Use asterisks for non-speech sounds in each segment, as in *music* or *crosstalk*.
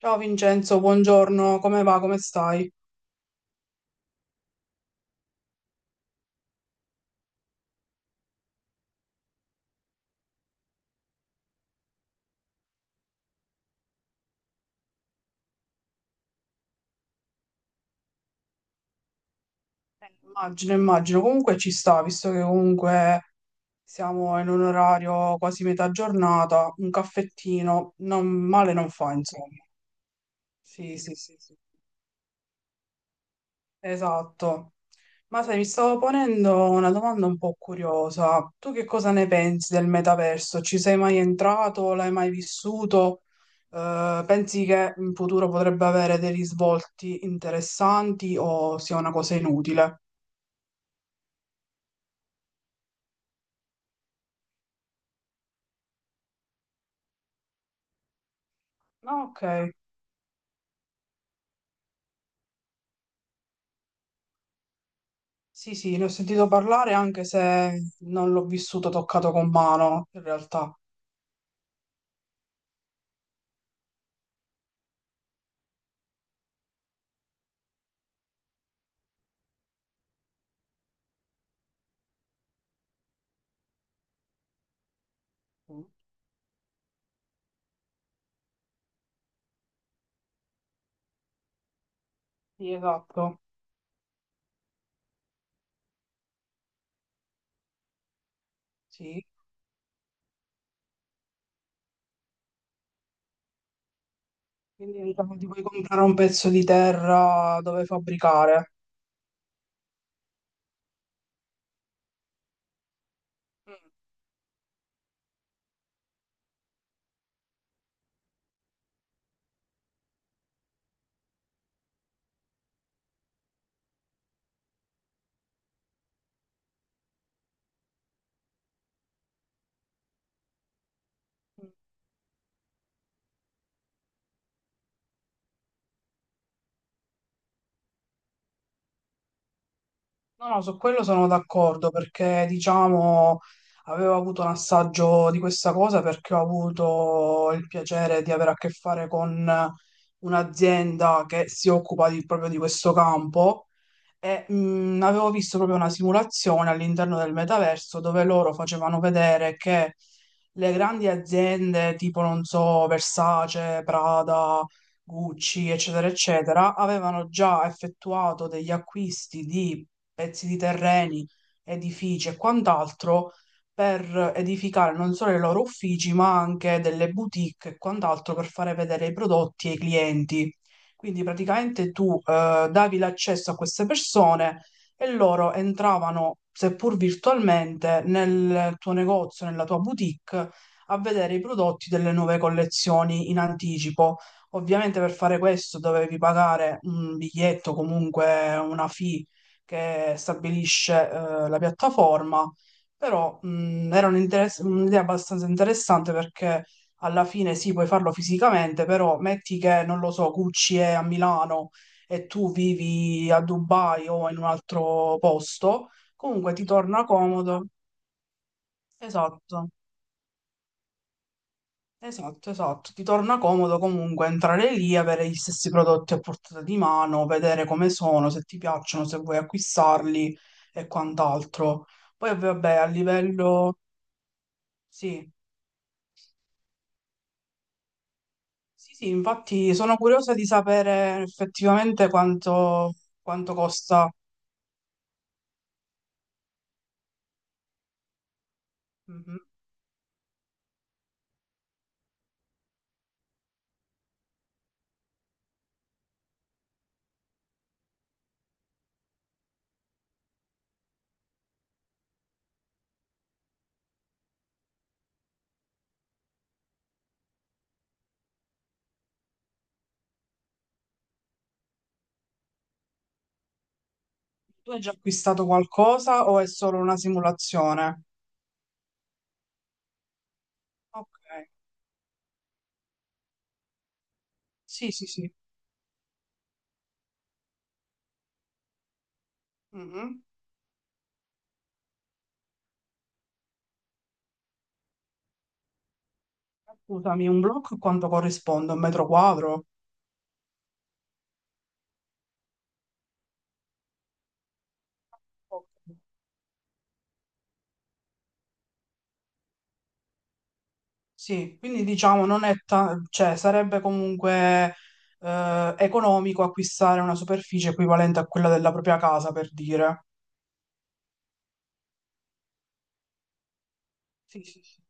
Ciao Vincenzo, buongiorno, come va? Come stai? Immagino, comunque ci sta, visto che comunque siamo in un orario quasi metà giornata, un caffettino, male non fa, insomma. Sì, sì, sì, sì. Esatto. Ma sai, mi stavo ponendo una domanda un po' curiosa. Tu che cosa ne pensi del metaverso? Ci sei mai entrato? L'hai mai vissuto? Pensi che in futuro potrebbe avere dei risvolti interessanti o sia una cosa inutile? Ah, ok, sì, sì, ne ho sentito parlare anche se non l'ho vissuto toccato con mano, in realtà. Mm. Sì, esatto, sì. Quindi diciamo, ti puoi comprare un pezzo di terra dove fabbricare. Mm. No, no, su quello sono d'accordo perché, diciamo, avevo avuto un assaggio di questa cosa perché ho avuto il piacere di avere a che fare con un'azienda che si proprio di questo campo. E, avevo visto proprio una simulazione all'interno del metaverso dove loro facevano vedere che le grandi aziende tipo, non so, Versace, Prada, Gucci, eccetera, eccetera, avevano già effettuato degli acquisti di pezzi di terreni, edifici e quant'altro per edificare non solo i loro uffici, ma anche delle boutique e quant'altro per fare vedere i prodotti ai clienti. Quindi praticamente tu davi l'accesso a queste persone e loro entravano, seppur virtualmente, nel tuo negozio, nella tua boutique, a vedere i prodotti delle nuove collezioni in anticipo. Ovviamente per fare questo dovevi pagare un biglietto, comunque una fee che stabilisce la piattaforma, però era un un'idea abbastanza interessante perché alla fine sì, puoi farlo fisicamente, però metti che, non lo so, Gucci è a Milano e tu vivi a Dubai o in un altro posto, comunque ti torna comodo. Esatto, esatto, esatto. Ti torna comodo comunque entrare lì, avere gli stessi prodotti a portata di mano, vedere come sono, se ti piacciono, se vuoi acquistarli e quant'altro. Poi vabbè, a livello... Sì, sì, sì, infatti sono curiosa di sapere effettivamente quanto, quanto costa. Mhm. Tu hai già acquistato qualcosa o è solo una simulazione? Ok, sì, sì, sì. Mhm. Scusami, un blocco quanto corrisponde? Un metro quadro? Ok. Sì, quindi diciamo non è ta- cioè sarebbe comunque economico acquistare una superficie equivalente a quella della propria casa, per dire. Sì, sì, sì.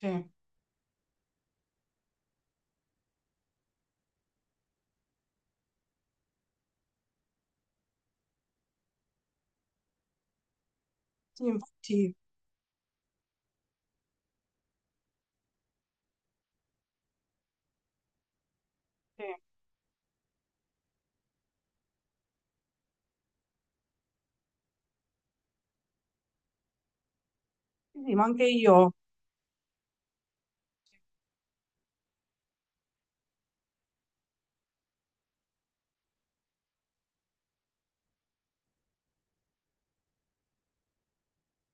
Sì, sì, infatti, sì. Sì, sì, ma anche io.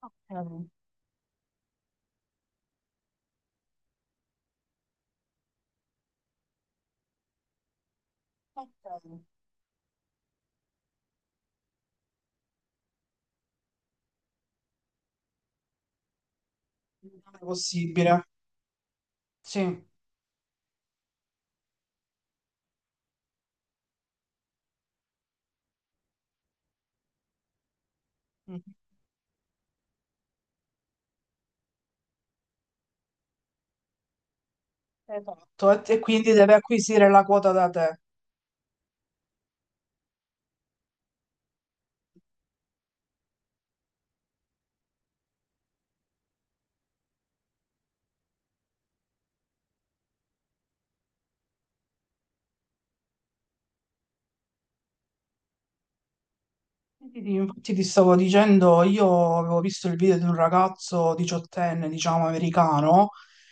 Ok, ok. Non è possibile, sì. Mhm. Esatto, e quindi deve acquisire la quota da te. Sì, sì, sì, infatti ti stavo dicendo, io avevo visto il video di un ragazzo diciottenne, diciamo americano,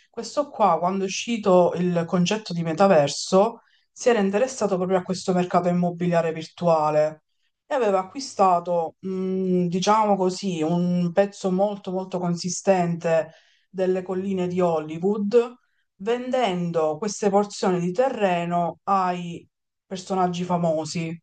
questo qua quando è uscito il concetto di metaverso si era interessato proprio a questo mercato immobiliare virtuale e aveva acquistato, diciamo così, un pezzo molto molto consistente delle colline di Hollywood, vendendo queste porzioni di terreno ai personaggi famosi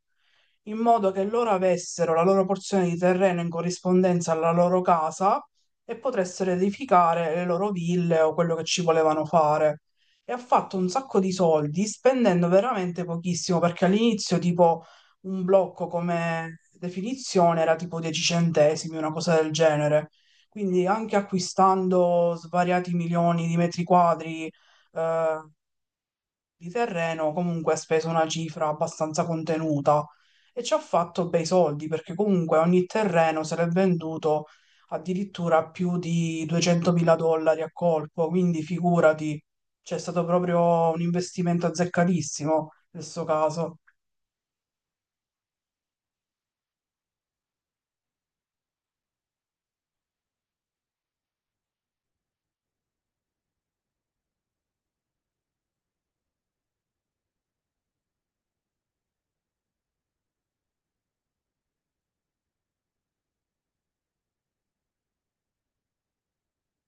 in modo che loro avessero la loro porzione di terreno in corrispondenza alla loro casa e potessero edificare le loro ville o quello che ci volevano fare. E ha fatto un sacco di soldi spendendo veramente pochissimo, perché all'inizio tipo un blocco come definizione era tipo 10 centesimi, una cosa del genere. Quindi anche acquistando svariati milioni di metri quadri, eh, di terreno, comunque ha speso una cifra abbastanza contenuta e ci ha fatto bei soldi perché comunque ogni terreno se l'è venduto addirittura più di 200.000 dollari a colpo, quindi figurati, c'è stato proprio un investimento azzeccatissimo nel suo caso.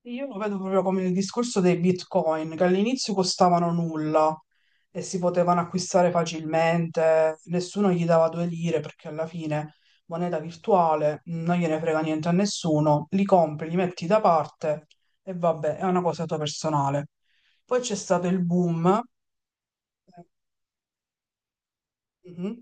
Io lo vedo proprio come il discorso dei Bitcoin, che all'inizio costavano nulla e si potevano acquistare facilmente, nessuno gli dava due lire perché alla fine moneta virtuale non gliene frega niente a nessuno, li compri, li metti da parte e vabbè, è una cosa tua personale. Poi c'è stato il boom. eh,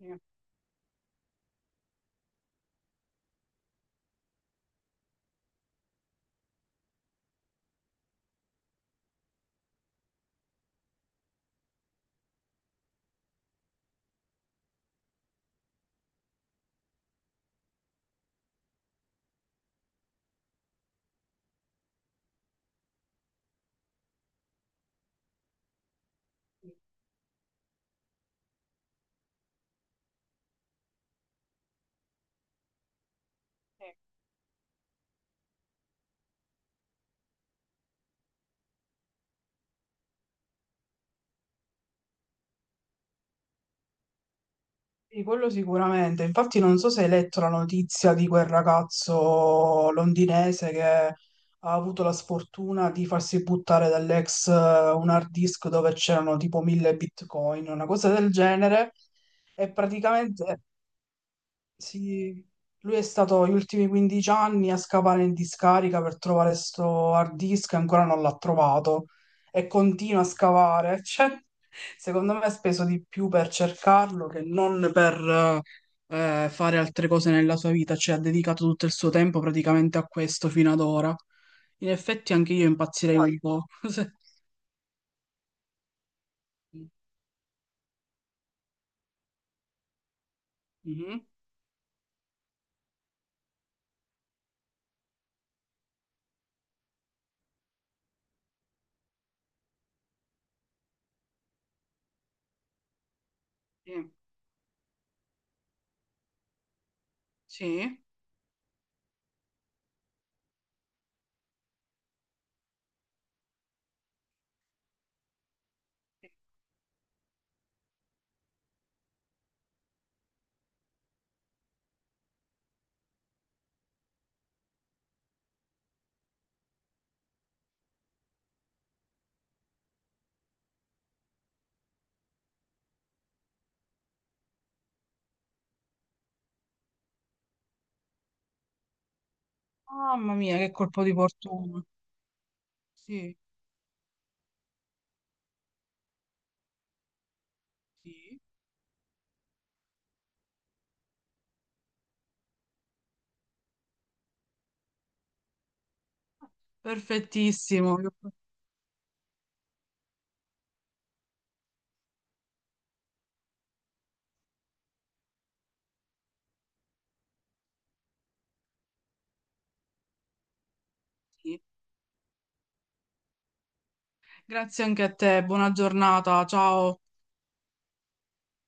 mhm, Sì, quello sicuramente. Infatti non so se hai letto la notizia di quel ragazzo londinese che ha avuto la sfortuna di farsi buttare dall'ex un hard disk dove c'erano tipo 1000 bitcoin, una cosa del genere. E praticamente sì, lui è stato gli ultimi 15 anni a scavare in discarica per trovare sto hard disk e ancora non l'ha trovato e continua a scavare. *laughs* Cioè, secondo me ha speso di più per cercarlo che non per fare altre cose nella sua vita, cioè ha dedicato tutto il suo tempo praticamente a questo fino ad ora. In effetti anche io impazzirei poi, un po'. *laughs* Se- Mhm, sì. Sì. Mamma mia, che colpo di fortuna. Sì. Sì. Perfettissimo. Sì. Grazie anche a te, buona giornata, ciao.